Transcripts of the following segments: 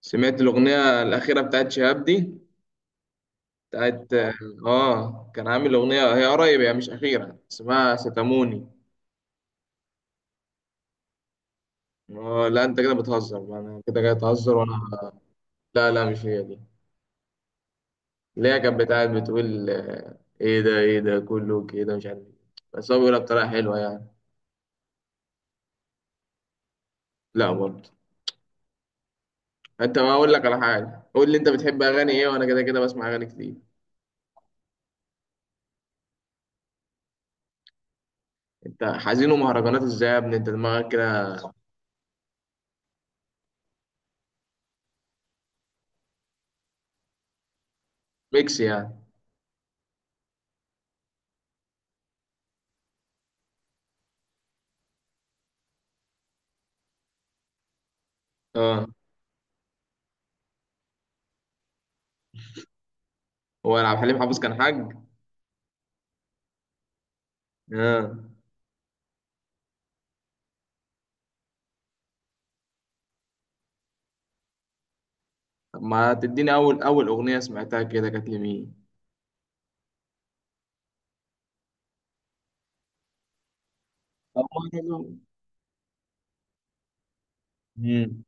سمعت الأغنية الأخيرة بتاعت شهاب دي. بتاعت آه، كان عامل أغنية، هي قريب، هي مش أخيرة، اسمها ستاموني. آه، لا أنت كده بتهزر، أنا كده جاي أتهزر وأنا. لا، لا، مش هي دي، اللي هي كانت بتاعت، بتقول آه، إيه ده إيه ده كله كده مش عارف إيه. بس هو بيقولها بطريقة حلوة يعني. لا برضه. أنت، ما أقول لك على حاجة، قول لي أنت بتحب أغاني إيه، وأنا كده كده بسمع أغاني كتير. أنت حزين ومهرجانات إزاي يا ابني، أنت دماغك كده؟ ميكس يعني. آه. هو عبد الحليم حافظ كان حاج؟ آه. طب ما تديني اول اول اغنيه سمعتها كده كانت لمين. طب ما أنا لو- مم.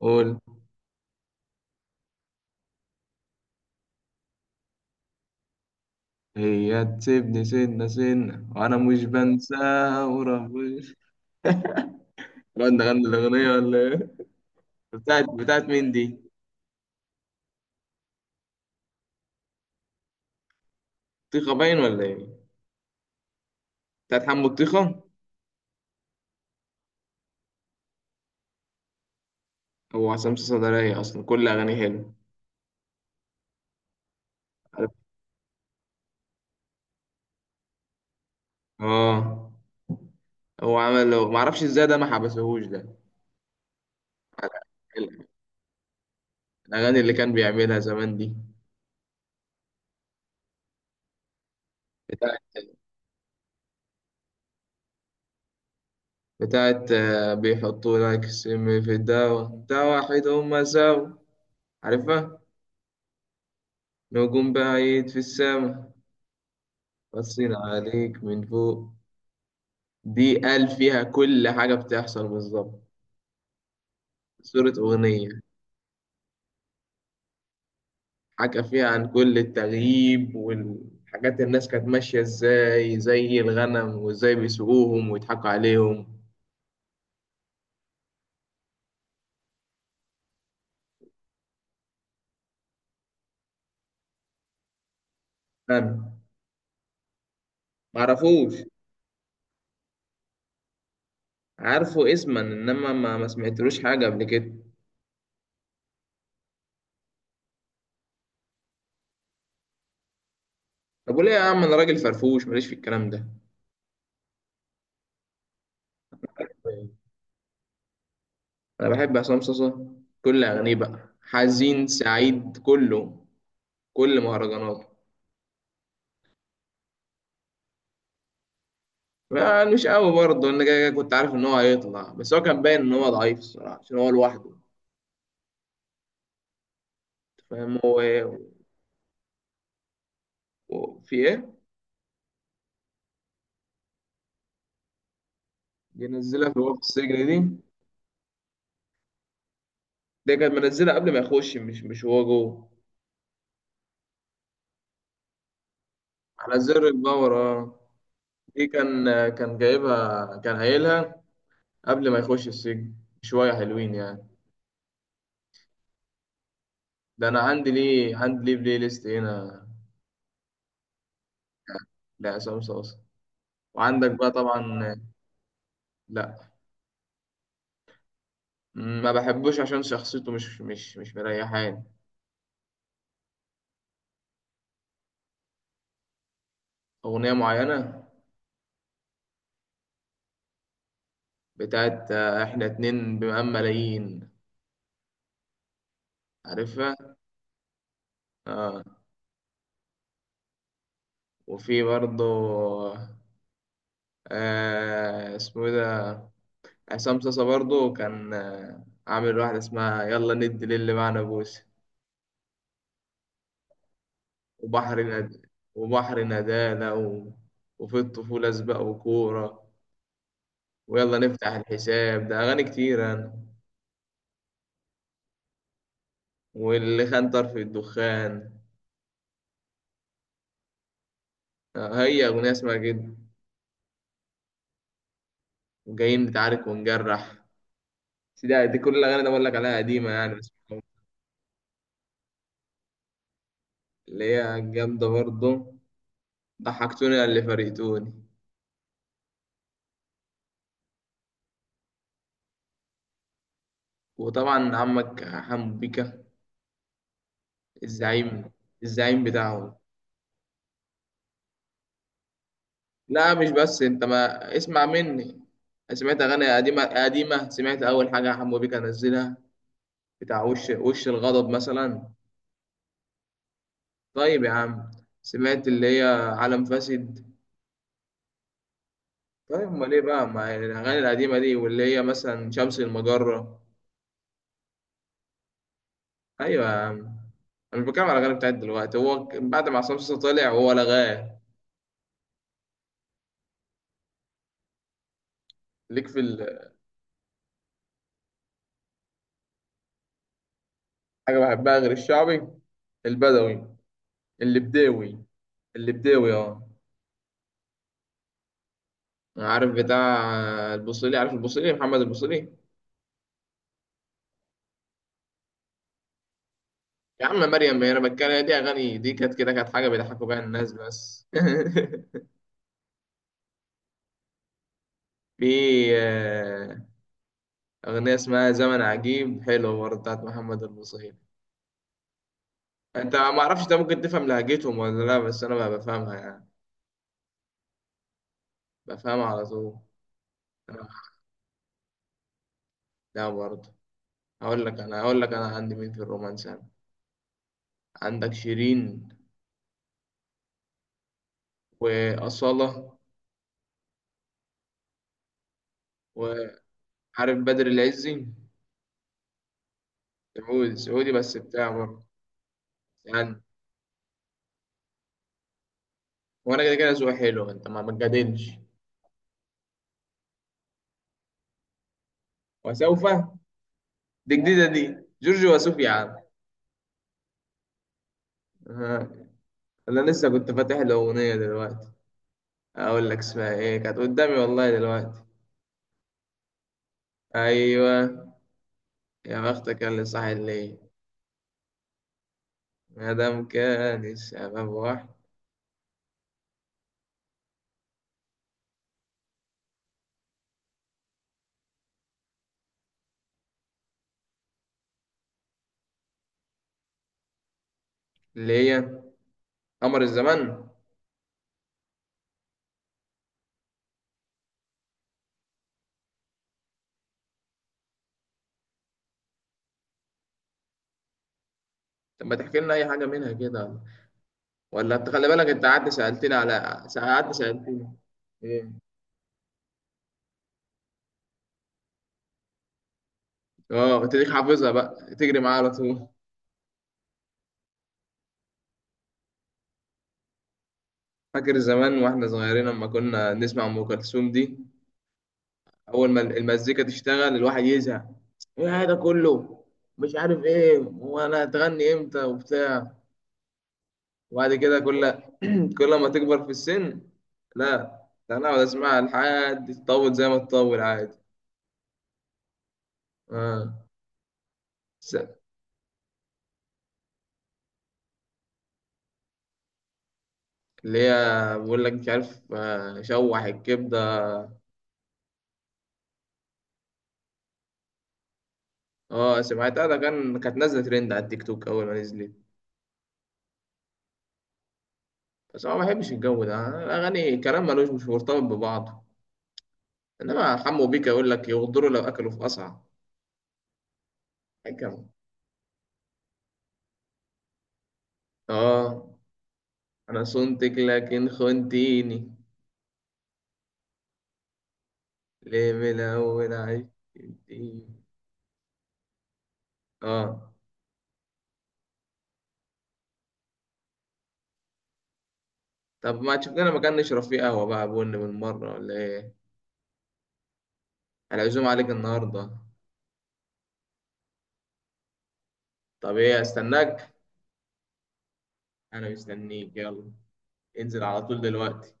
قول. هي تسيبني سنة سنة وأنا مش بنساها وربنا. الواد ده غنى الأغنية ولا إيه؟ بتاعت مين دي؟ طيخة باين ولا إيه؟ بتاعت حمو الطيخة؟ هو عصام صدرية أصلا كل أغانيه حلوة. عارف؟ آه. هو عمل معرفش إزاي ده، ما حبسهوش ده؟ الأغاني اللي كان بيعملها زمان دي. بتاعت بتاعت بيحطوا لك سم في الدواء بتاع واحد هما سوا. عارفها. نجوم بعيد في السما. باصين عليك من فوق. دي قال فيها كل حاجة بتحصل بالظبط. صورة أغنية. حكى فيها عن كل التغييب والحاجات، الناس كانت ماشية ازاي زي الغنم، وازاي بيسوقوهم ويضحكوا عليهم. أنا. معرفوش. عارفه اسما، إنما ما سمعتلوش حاجة قبل كده. طب وليه يا عم، أنا راجل فرفوش ماليش في الكلام ده. طيب. انا بحب عصام صاصا، كل اغانيه بقى حزين سعيد كله. كل مهرجاناته. مش قوي برضه، انا كده كده كنت عارف ان هو هيطلع، بس هو كان باين ان هو ضعيف الصراحه، عشان هو لوحده. أنت فاهم هو ايه؟ هو في ايه؟ دي نزلها في وقت السجن دي. دي كانت منزلها قبل ما يخش، مش هو جوه. على زر الباور اه. دي كان كان جايبها، كان قايلها قبل ما يخش السجن. شويه حلوين يعني. ده انا عندي ليه، عندي ليه بلاي ليست هنا لعصام صاصا. وعندك بقى طبعا. لا، ما بحبوش عشان شخصيته مش مريحاني. أغنية معينة. بتاعت إحنا اتنين بمقام ملايين. عارفها؟ آه. وفي برضه آه، اسمه إيه ده. عصام صاصا برضه كان عامل واحدة اسمها يلا ندي للي معنا بوسة. وبحر ند... وبحر ندالة و... وفي الطفولة سباق وكورة. ويلا نفتح الحساب، ده أغاني كتير أنا. واللي خان طرف الدخان، آه، هي أغنية اسمها كده. جايين نتعارك ونجرح. بس دي كل الأغاني اللي بقول لك عليها قديمة يعني بسمعهم. اللي هي جامدة برضه. ضحكتوني اللي فرقتوني. وطبعا عمك حمو بيكا الزعيم، الزعيم بتاعهم. لا، مش بس، انت ما اسمع مني. سمعت أغاني قديمة قديمة، سمعت أول حاجة حمو بيكا نزلها بتاع وش الغضب مثلا. طيب يا عم. سمعت اللي هي عالم فاسد. طيب امال ايه بقى، ما الاغاني القديمه دي، واللي هي مثلا شمس المجره. ايوه يا عم. انا مش بتكلم على الاغاني بتاعت دلوقتي، هو بعد ما عصام صاصا طلع هو لغاه. ليك في حاجه بحبها غير الشعبي، البدوي. اللبداوي، اللبداوي اه. عارف بتاع البوصيلي، عارف البوصيلي محمد البوصيلي. يا عم مريم، انا بتكلم دي، اغاني دي كانت كده، كانت حاجه بيضحكوا بيها الناس بس. في آه، اغنيه اسمها زمن عجيب، حلوه برضه، بتاعت محمد البوصيلي. انت ما اعرفش، ده ممكن تفهم لهجتهم ولا لا، بس انا بقى بفهمها يعني. بفهمها على طول. انا. لا برضه. هقول لك انا عندي مين في الرومانس انا. عندك شيرين، وأصالة. وعارف بدر العزي، سعودي سعودي بس بتاع برضه. يعني. وانا كده كده ذوقي حلو، انت ما بتجادلش. وسوف. دي جديدة دي، جورج وسوف يا عم. آه، انا لسه كنت فاتح له اغنية دلوقتي. اقول لك اسمها ايه، كانت قدامي والله دلوقتي. ايوه. يا بختك اللي صاحي الليل. ما دام كان الشباب واحد. اللي هي قمر الزمان. طب ما تحكي لنا اي حاجه منها كده. ولا انت خلي بالك، انت قعدت سالتني على. قعدت سالتني ايه. اه تديك حافظها بقى تجري معاها على طول. فاكر زمان واحنا صغيرين لما كنا نسمع ام كلثوم دي، اول ما المزيكا تشتغل الواحد يزهق، ايه هذا كله، مش عارف ايه، وانا هتغني امتى وبتاع. وبعد كده كل كل ما تكبر في السن. لا، لا، انا اقعد اسمعها، لحد تطول زي ما تطول عادي. اه. س- اللي هي بقول لك مش عارف آه، شوح الكبده. اه سمعتها، ده كان كانت نازله ترند على التيك توك اول ما نزلت. بس انا ما بحبش الجو ده، أنا الاغاني كلام ملوش مش مرتبط ببعضه. انما حمو بيكا يقول لك يغدروا لو اكلوا في قصعه. حكم. اه انا صنتك لكن خنتيني. ليه من الاول عايش. اه. طب ما تشوف لنا مكان نشرب فيه قهوة بقى بن من مرة ولا إيه؟ أنا عزوم عليك النهاردة، طب إيه أستناك؟ أنا مستنيك يلا. انزل على طول دلوقتي.